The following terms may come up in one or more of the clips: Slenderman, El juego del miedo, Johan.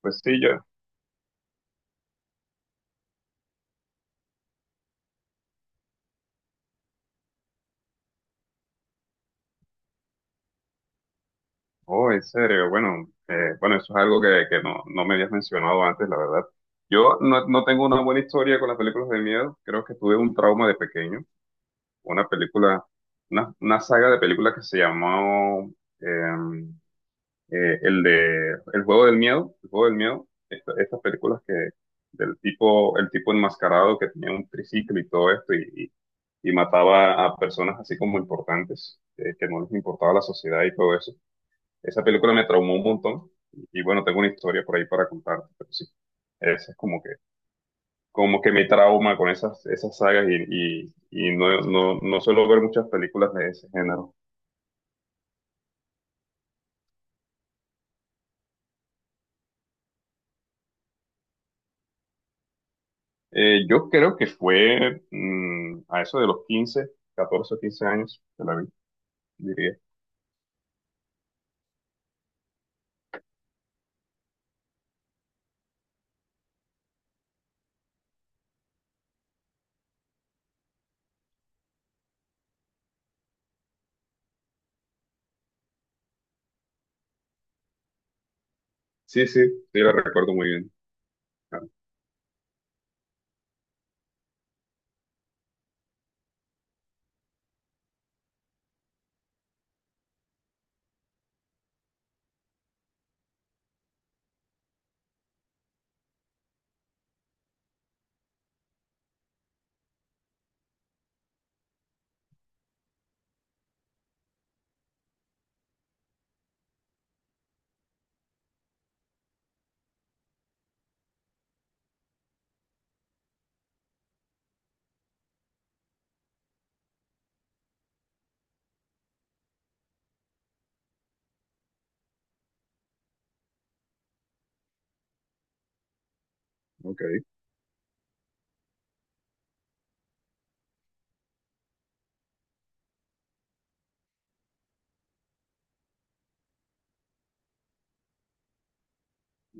Pues sí, yo. Oh, en serio. Bueno, bueno, eso es algo que no me habías mencionado antes, la verdad. Yo no tengo una buena historia con las películas de miedo. Creo que tuve un trauma de pequeño. Una película, una saga de películas que se llamó eh, el de El juego del miedo. El juego del miedo. Estas películas que del tipo, el tipo enmascarado que tenía un triciclo y todo esto y mataba a personas así como importantes, que no les importaba la sociedad y todo eso. Esa película me traumó un montón. Y bueno, tengo una historia por ahí para contarte, pero sí. Esa es como que me trauma con esas sagas y no suelo ver muchas películas de ese género. Yo creo que fue a eso de los 15 14 o 15 años que la vi, diría. Sí, sí, sí, la recuerdo muy bien. Ah, ok.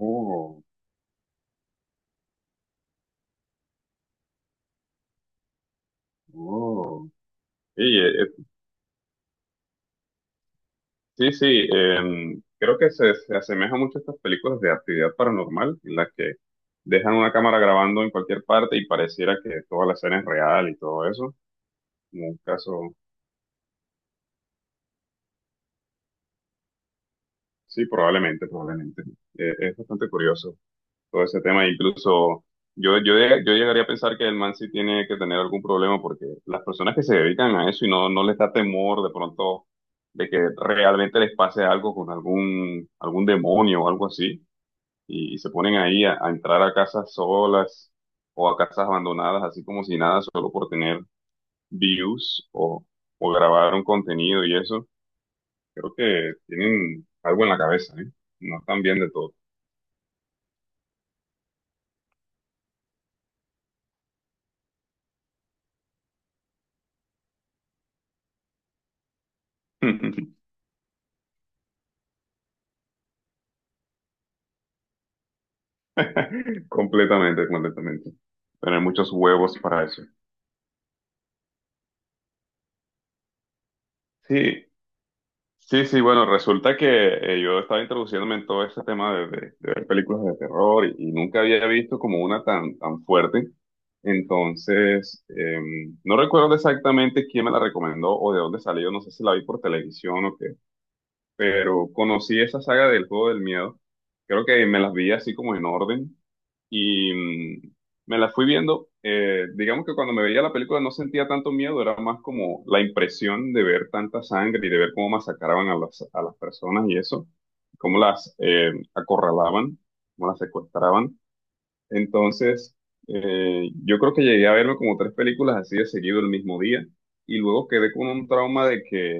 Oh, oh. Y sí, sí, creo que se asemeja mucho a estas películas de actividad paranormal, en las que dejan una cámara grabando en cualquier parte y pareciera que toda la escena es real y todo eso. Como un caso, sí, probablemente, probablemente. Es bastante curioso todo ese tema. Incluso yo llegaría a pensar que el man sí tiene que tener algún problema porque las personas que se dedican a eso y no les da temor de pronto de que realmente les pase algo con algún demonio o algo así y se ponen ahí a entrar a casas solas o a casas abandonadas, así como si nada, solo por tener views o grabar un contenido y eso. Creo que tienen algo en la cabeza, ¿eh? No están bien de todo. Completamente, completamente. Tener muchos huevos para eso. Sí, sí, sí, bueno, resulta que yo estaba introduciéndome en todo este tema de ver películas de terror y nunca había visto como una tan, tan fuerte. Entonces, no recuerdo exactamente quién me la recomendó o de dónde salió, no sé si la vi por televisión o qué, pero conocí esa saga del Juego del Miedo. Creo que me las vi así como en orden y me la fui viendo. Eh, digamos que cuando me veía la película no sentía tanto miedo, era más como la impresión de ver tanta sangre y de ver cómo masacraban a a las personas y eso, cómo las acorralaban, cómo las secuestraban. Entonces, yo creo que llegué a verme como tres películas así de seguido el mismo día y luego quedé con un trauma de que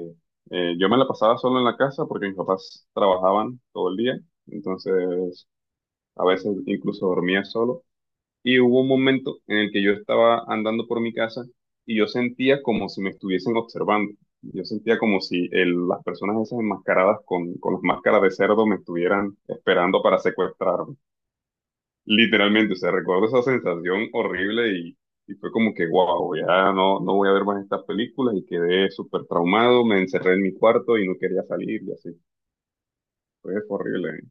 yo me la pasaba solo en la casa porque mis papás trabajaban todo el día, entonces a veces incluso dormía solo. Y hubo un momento en el que yo estaba andando por mi casa y yo sentía como si me estuviesen observando. Yo sentía como si las personas esas enmascaradas con las máscaras de cerdo me estuvieran esperando para secuestrarme. Literalmente, o sea, recuerdo esa sensación horrible y fue como que, wow, ya no voy a ver más estas películas y quedé súper traumado, me encerré en mi cuarto y no quería salir y así. Fue horrible.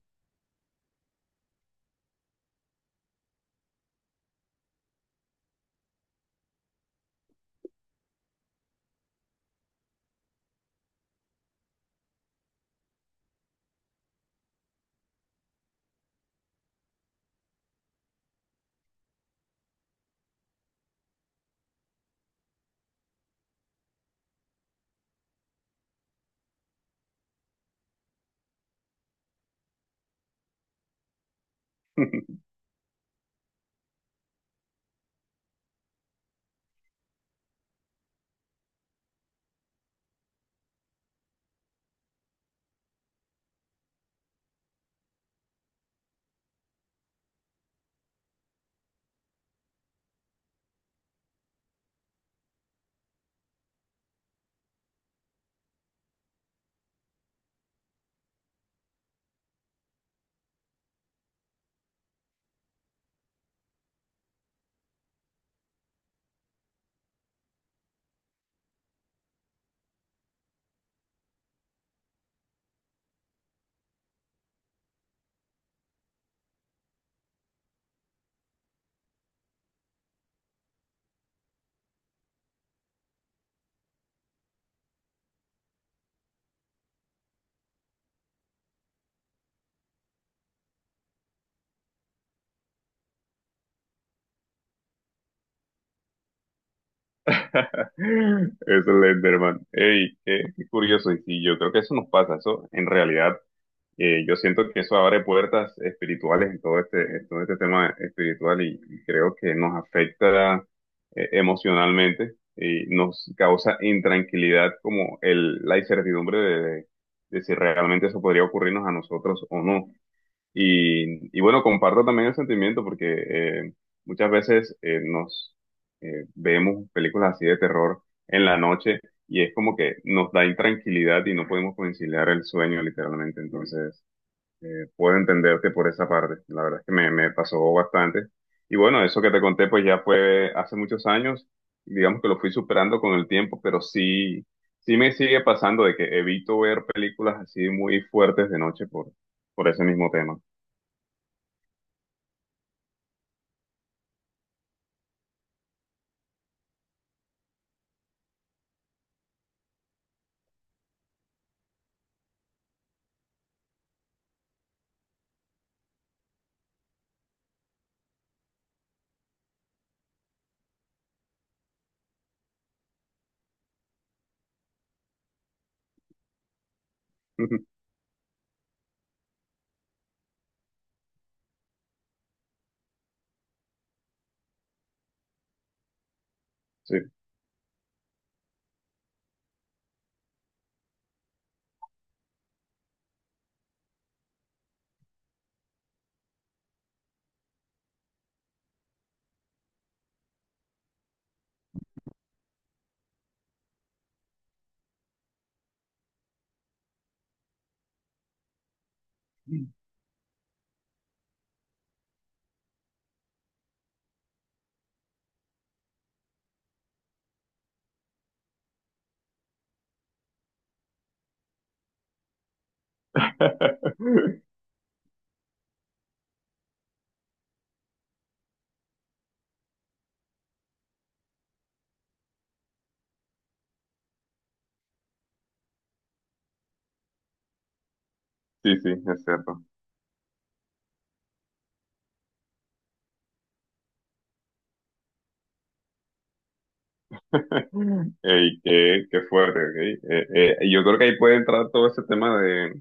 Es Slenderman. Ey, qué, qué curioso. Y sí, yo creo que eso nos pasa. Eso, en realidad, yo siento que eso abre puertas espirituales en todo este tema espiritual y creo que nos afecta emocionalmente y nos causa intranquilidad como el, la incertidumbre de si realmente eso podría ocurrirnos a nosotros o no. Y bueno, comparto también el sentimiento porque eh, muchas veces nos vemos películas así de terror en la noche y es como que nos da intranquilidad y no podemos conciliar el sueño literalmente. Entonces, puedo entenderte por esa parte. La verdad es que me pasó bastante. Y bueno, eso que te conté pues ya fue hace muchos años. Digamos que lo fui superando con el tiempo, pero sí, sí me sigue pasando de que evito ver películas así muy fuertes de noche por ese mismo tema. Sí. Sí, sí, es cierto. Ey, qué, qué fuerte, ok. Y yo creo que ahí puede entrar todo ese tema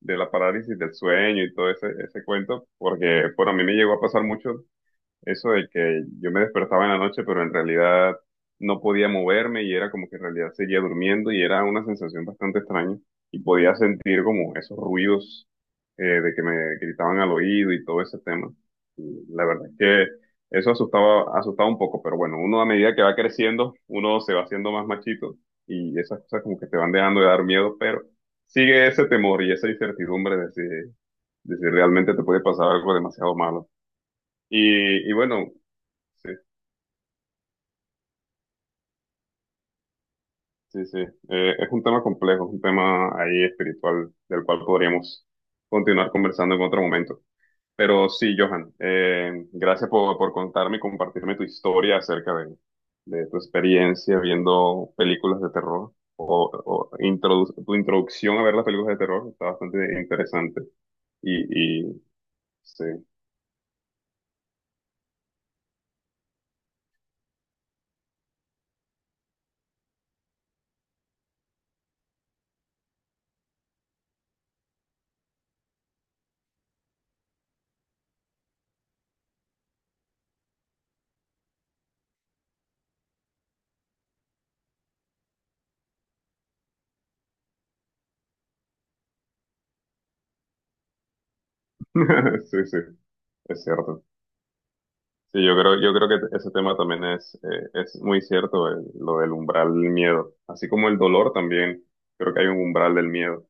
de la parálisis del sueño y todo ese cuento, porque, por a mí me llegó a pasar mucho. Eso de que yo me despertaba en la noche, pero en realidad no podía moverme y era como que en realidad seguía durmiendo y era una sensación bastante extraña. Y podía sentir como esos ruidos de que me gritaban al oído y todo ese tema. Y la verdad es que eso asustaba, asustaba un poco, pero bueno, uno a medida que va creciendo, uno se va haciendo más machito y esas cosas como que te van dejando de dar miedo, pero sigue ese temor y esa incertidumbre de si realmente te puede pasar algo demasiado malo. Y bueno, sí, sí, sí. Es un tema complejo, es un tema ahí espiritual del cual podríamos continuar conversando en otro momento. Pero sí, Johan, gracias por contarme y compartirme tu historia acerca de tu experiencia viendo películas de terror tu introducción a ver las películas de terror. Está bastante interesante. Y sí, sí, sí, es cierto. Sí, yo creo que ese tema también es muy cierto, lo del umbral del miedo, así como el dolor también, creo que hay un umbral del miedo,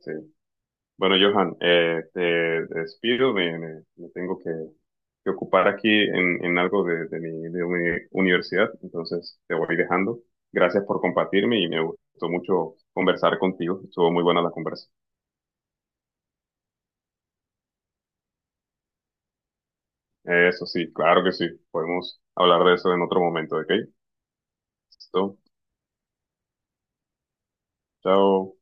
sí. Bueno, Johan, te despido, me tengo que ocupar aquí en algo de mi universidad, entonces te voy dejando. Gracias por compartirme y me gustó mucho conversar contigo, estuvo muy buena la conversa. Eso sí, claro que sí, podemos hablar de eso en otro momento, ¿ok? Listo, chao.